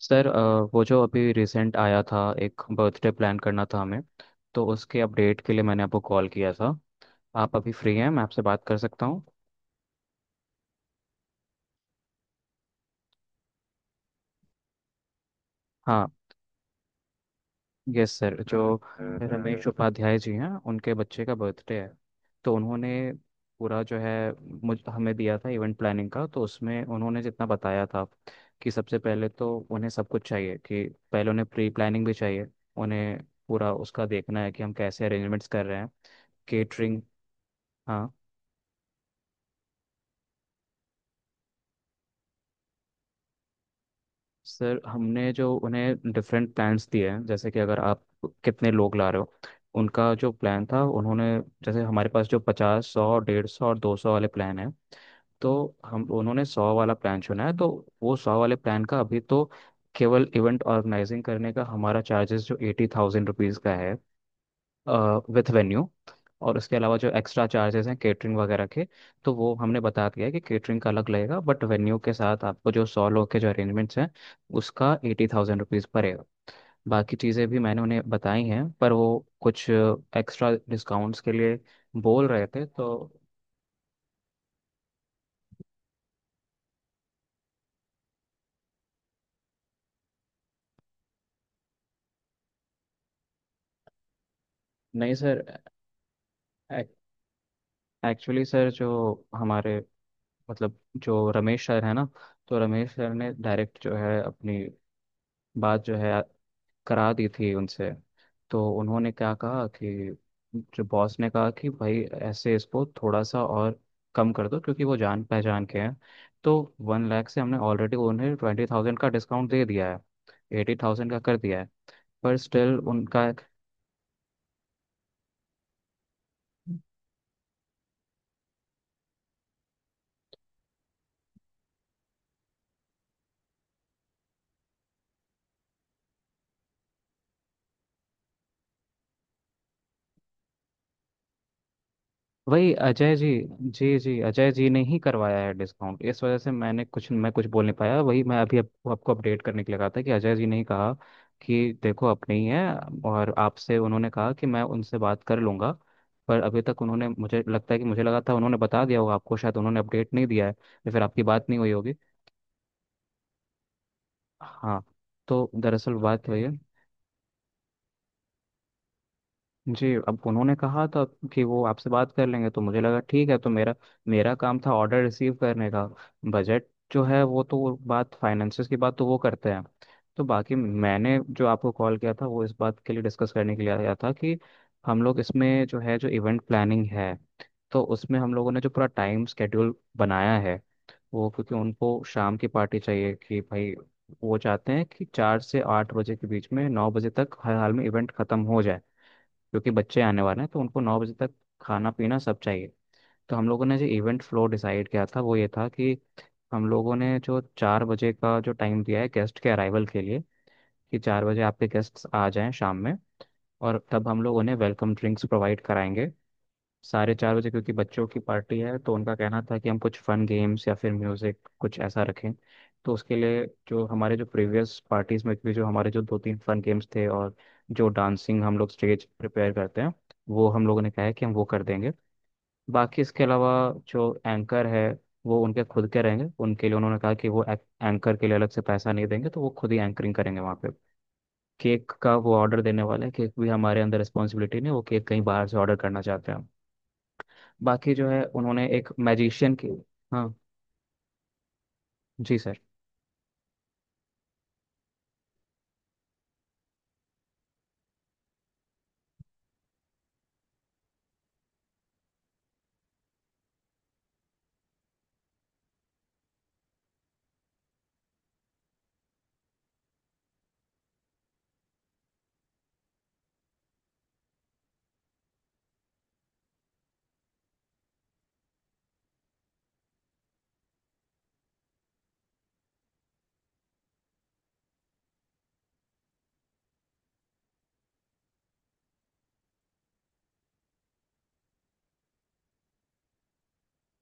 Sir वो जो अभी रिसेंट आया था। एक बर्थडे प्लान करना था हमें, तो उसके अपडेट के लिए मैंने आपको कॉल किया था। आप अभी फ्री हैं? मैं आपसे बात कर सकता हूँ? हाँ, यस सर। जो रमेश उपाध्याय जी हैं, उनके बच्चे का बर्थडे है, तो उन्होंने पूरा जो है मुझ हमें दिया था इवेंट प्लानिंग का। तो उसमें उन्होंने जितना बताया था, कि सबसे पहले तो उन्हें सब कुछ चाहिए, कि पहले उन्हें प्री प्लानिंग भी चाहिए। उन्हें पूरा उसका देखना है कि हम कैसे अरेंजमेंट्स कर रहे हैं, केटरिंग। हाँ सर, हमने जो उन्हें डिफरेंट प्लान्स दिए हैं, जैसे कि अगर आप कितने लोग ला रहे हो। उनका जो प्लान था उन्होंने, जैसे हमारे पास जो पचास, सौ, डेढ़ सौ और दो सौ वाले प्लान हैं, तो हम उन्होंने 100 वाला प्लान चुना है। तो वो 100 वाले प्लान का अभी तो, केवल इवेंट ऑर्गेनाइजिंग करने का हमारा चार्जेस जो ₹80,000 का है, विथ वेन्यू। और उसके अलावा जो एक्स्ट्रा चार्जेस हैं केटरिंग वगैरह के, तो वो हमने बता दिया है कि केटरिंग का अलग लगेगा। बट वेन्यू के साथ आपको जो 100 लोग के जो अरेंजमेंट्स हैं, उसका ₹80,000 पड़ेगा। बाकी चीज़ें भी मैंने उन्हें बताई हैं, पर वो कुछ एक्स्ट्रा डिस्काउंट्स के लिए बोल रहे थे। तो नहीं सर, एक्चुअली सर जो हमारे मतलब, जो रमेश सर है ना, तो रमेश सर ने डायरेक्ट जो है अपनी बात जो है करा दी थी उनसे। तो उन्होंने क्या कहा कि जो बॉस ने कहा कि भाई ऐसे इसको थोड़ा सा और कम कर दो, क्योंकि वो जान पहचान के हैं। तो 1 लाख से हमने ऑलरेडी उन्हें 20,000 का डिस्काउंट दे दिया है, 80,000 का कर दिया है। पर स्टिल उनका, वही अजय जी। जी जी, अजय जी ने ही करवाया है डिस्काउंट। इस वजह से मैं कुछ बोल नहीं पाया। वही मैं अभी आपको आपको अपडेट करने के लिए कहा था कि अजय जी ने ही कहा कि देखो अपने ही है। और आपसे उन्होंने कहा कि मैं उनसे बात कर लूंगा। पर अभी तक उन्होंने, मुझे लगता है कि, मुझे लगा था उन्होंने बता दिया होगा आपको, शायद उन्होंने अपडेट नहीं दिया है, या फिर आपकी बात नहीं हुई होगी। हाँ, तो दरअसल बात वही है। जी, अब उन्होंने कहा था कि वो आपसे बात कर लेंगे, तो मुझे लगा ठीक है। तो मेरा मेरा काम था ऑर्डर रिसीव करने का। बजट जो है वो तो, बात फाइनेंसिस की बात तो वो करते हैं। तो बाकी मैंने जो आपको कॉल किया था, वो इस बात के लिए डिस्कस करने के लिए आया था कि हम लोग इसमें जो है, जो इवेंट प्लानिंग है, तो उसमें हम लोगों ने जो पूरा टाइम स्केड्यूल बनाया है वो, क्योंकि उनको शाम की पार्टी चाहिए। कि भाई वो चाहते हैं कि 4 से 8 बजे के बीच में, 9 बजे तक हर हाल में इवेंट खत्म हो जाए, क्योंकि बच्चे आने वाले हैं। तो उनको 9 बजे तक खाना पीना सब चाहिए। तो हम लोगों ने जो इवेंट फ्लो डिसाइड किया था वो ये था कि, हम लोगों ने जो 4 बजे का जो टाइम दिया है गेस्ट के अराइवल के लिए, कि चार बजे आपके गेस्ट्स आ जाएं शाम में, और तब हम लोग उन्हें वेलकम ड्रिंक्स प्रोवाइड कराएंगे। 4:30 बजे, क्योंकि बच्चों की पार्टी है तो उनका कहना था कि हम कुछ फन गेम्स या फिर म्यूजिक कुछ ऐसा रखें। तो उसके लिए जो हमारे जो प्रीवियस पार्टीज में भी जो हमारे जो दो तीन फन गेम्स थे, और जो डांसिंग हम लोग स्टेज प्रिपेयर करते हैं, वो हम लोगों ने कहा है कि हम वो कर देंगे। बाकी इसके अलावा जो एंकर है, वो उनके खुद के रहेंगे। उनके लिए उन्होंने कहा कि वो एंकर के लिए अलग से पैसा नहीं देंगे, तो वो खुद ही एंकरिंग करेंगे वहाँ पे। केक का वो ऑर्डर देने वाले हैं, केक भी हमारे अंदर रिस्पॉन्सिबिलिटी नहीं है, वो केक कहीं बाहर से ऑर्डर करना चाहते हैं। बाकी जो है उन्होंने एक मैजिशियन की। हाँ जी सर।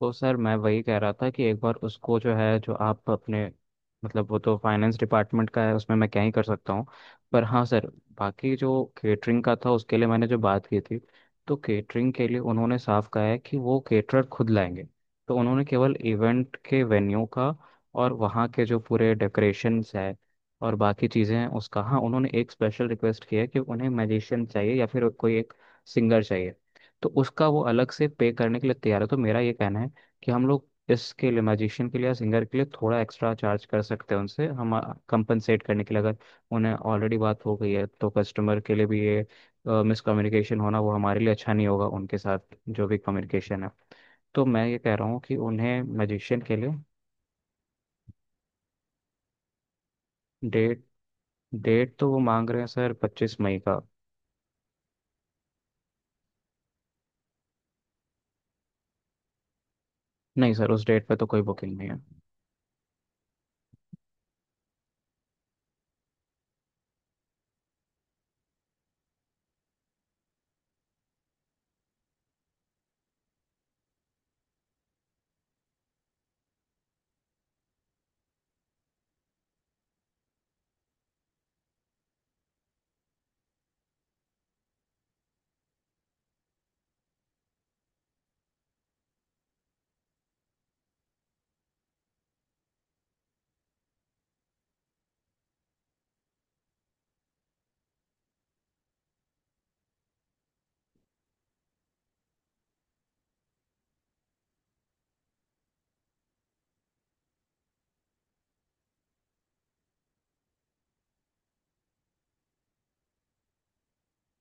तो सर मैं वही कह रहा था कि एक बार उसको जो है, जो आप अपने मतलब, वो तो फाइनेंस डिपार्टमेंट का है, उसमें मैं क्या ही कर सकता हूँ। पर हाँ सर, बाकी जो केटरिंग का था उसके लिए मैंने जो बात की थी, तो केटरिंग के लिए उन्होंने साफ कहा है कि वो केटरर खुद लाएंगे। तो उन्होंने केवल इवेंट के वेन्यू का और वहाँ के जो पूरे डेकोरेशंस है और बाकी चीज़ें हैं उसका, हाँ उन्होंने एक स्पेशल रिक्वेस्ट किया है कि उन्हें मैजिशियन चाहिए या फिर कोई एक सिंगर चाहिए। तो उसका वो अलग से पे करने के लिए तैयार है। तो मेरा ये कहना है कि हम लोग इसके लिए म्यूजिशियन के लिए या सिंगर के लिए थोड़ा एक्स्ट्रा चार्ज कर सकते हैं उनसे। हम कंपनसेट करने के लिए, अगर उन्हें ऑलरेडी बात हो गई है तो कस्टमर के लिए भी ये मिसकम्युनिकेशन होना वो हमारे लिए अच्छा नहीं होगा। उनके साथ जो भी कम्युनिकेशन है, तो मैं ये कह रहा हूँ कि उन्हें म्यूजिशियन के लिए। डेट डेट तो वो मांग रहे हैं सर 25 मई का। नहीं सर, उस डेट पे तो कोई बुकिंग नहीं है।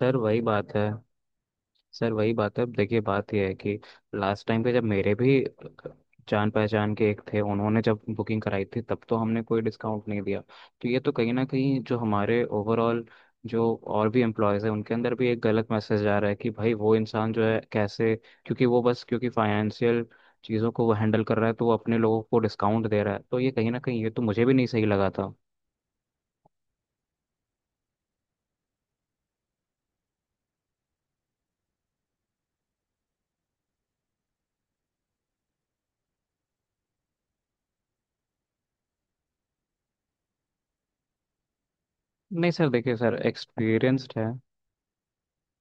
सर वही बात है। सर वही बात है, अब देखिए बात यह है कि लास्ट टाइम पे जब मेरे भी जान पहचान के एक थे, उन्होंने जब बुकिंग कराई थी तब तो हमने कोई डिस्काउंट नहीं दिया। तो ये तो कहीं ना कहीं जो हमारे ओवरऑल, जो और भी एम्प्लॉयज़ हैं, उनके अंदर भी एक गलत मैसेज जा रहा है कि भाई वो इंसान जो है कैसे, क्योंकि वो बस क्योंकि फाइनेंशियल चीज़ों को वो हैंडल कर रहा है, तो वो अपने लोगों को डिस्काउंट दे रहा है, तो ये कहीं ना कहीं ये तो मुझे भी नहीं सही लगा था। नहीं सर देखिए, सर एक्सपीरियंस्ड है।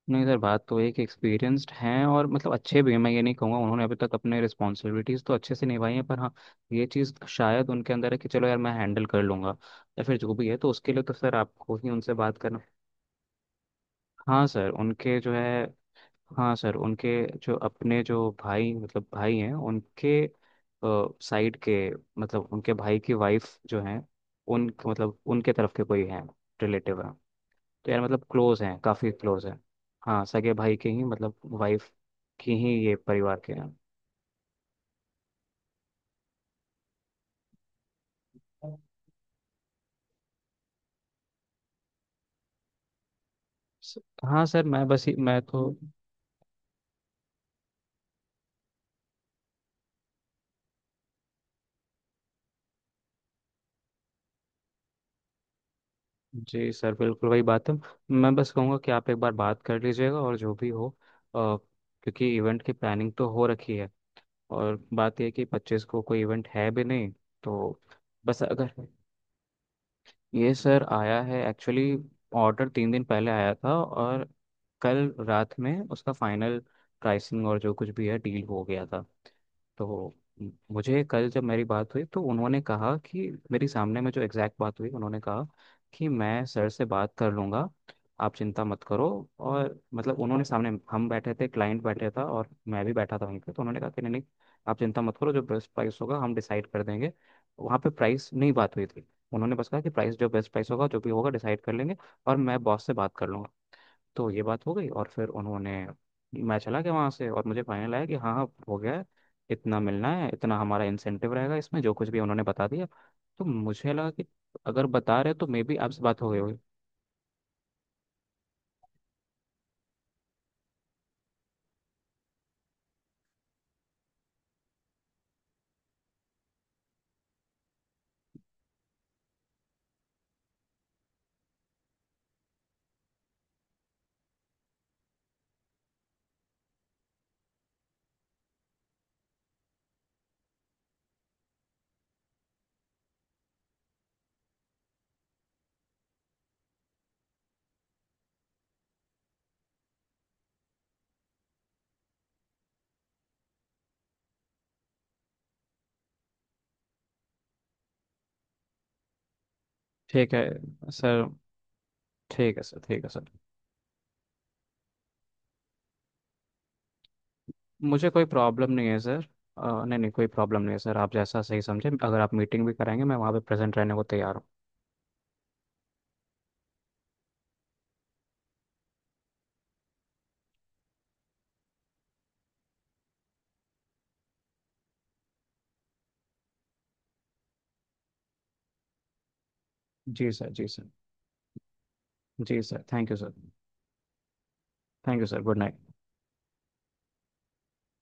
नहीं सर, बात तो एक एक्सपीरियंस्ड हैं, और मतलब अच्छे भी हैं, मैं ये नहीं कहूँगा। उन्होंने अभी तक अपने रिस्पॉन्सिबिलिटीज़ तो अच्छे से निभाई हैं, पर हाँ ये चीज़ शायद उनके अंदर है कि चलो यार मैं हैंडल कर लूँगा, या फिर जो भी है। तो उसके लिए तो सर आपको ही उनसे बात करना। हाँ सर, उनके जो है, हाँ सर उनके जो, अपने जो भाई मतलब भाई हैं उनके साइड के, मतलब उनके भाई की वाइफ जो हैं, उन मतलब उनके तरफ के कोई हैं, रिलेटिव। तो यार मतलब क्लोज हैं, काफ़ी क्लोज हैं। हाँ सगे भाई के ही, मतलब वाइफ की ही, ये परिवार के हैं। स- हाँ सर, मैं बस ही मैं तो जी सर बिल्कुल वही बात है। मैं बस कहूँगा कि आप एक बार बात कर लीजिएगा और जो भी हो, क्योंकि इवेंट की प्लानिंग तो हो रखी है, और बात यह है कि 25 को कोई इवेंट है भी नहीं। तो बस अगर, ये सर आया है एक्चुअली, ऑर्डर 3 दिन पहले आया था, और कल रात में उसका फाइनल प्राइसिंग और जो कुछ भी है डील हो गया था। तो मुझे कल जब मेरी बात हुई तो उन्होंने कहा कि, मेरी सामने में जो एग्जैक्ट बात हुई, उन्होंने कहा कि मैं सर से बात कर लूँगा, आप चिंता मत करो। और मतलब उन्होंने, सामने हम बैठे थे, क्लाइंट बैठे था और मैं भी बैठा था वहीं पे, तो उन्होंने कहा कि नहीं नहीं, आप चिंता मत करो, जो बेस्ट प्राइस होगा हम डिसाइड कर देंगे। वहाँ पे प्राइस नहीं बात हुई थी, उन्होंने बस कहा कि प्राइस, जो बेस्ट प्राइस होगा, जो भी होगा डिसाइड कर लेंगे, और मैं बॉस से बात कर लूँगा। तो ये बात हो गई, और फिर उन्होंने, मैं चला गया वहाँ से, और मुझे फाइनल आया कि हाँ हाँ हो गया है, इतना मिलना है, इतना हमारा इंसेंटिव रहेगा इसमें, जो कुछ भी उन्होंने बता दिया। तो मुझे लगा कि अगर बता रहे तो मे बी आपसे बात हो गई होगी। ठीक है सर, ठीक है सर, ठीक है सर। मुझे कोई प्रॉब्लम नहीं है सर। नहीं नहीं, कोई प्रॉब्लम नहीं है सर, आप जैसा सही समझे, अगर आप मीटिंग भी कराएंगे मैं वहाँ पे प्रेजेंट रहने को तैयार हूँ। जी सर, जी सर। जी sir, thank you sir. Thank you sir, good night.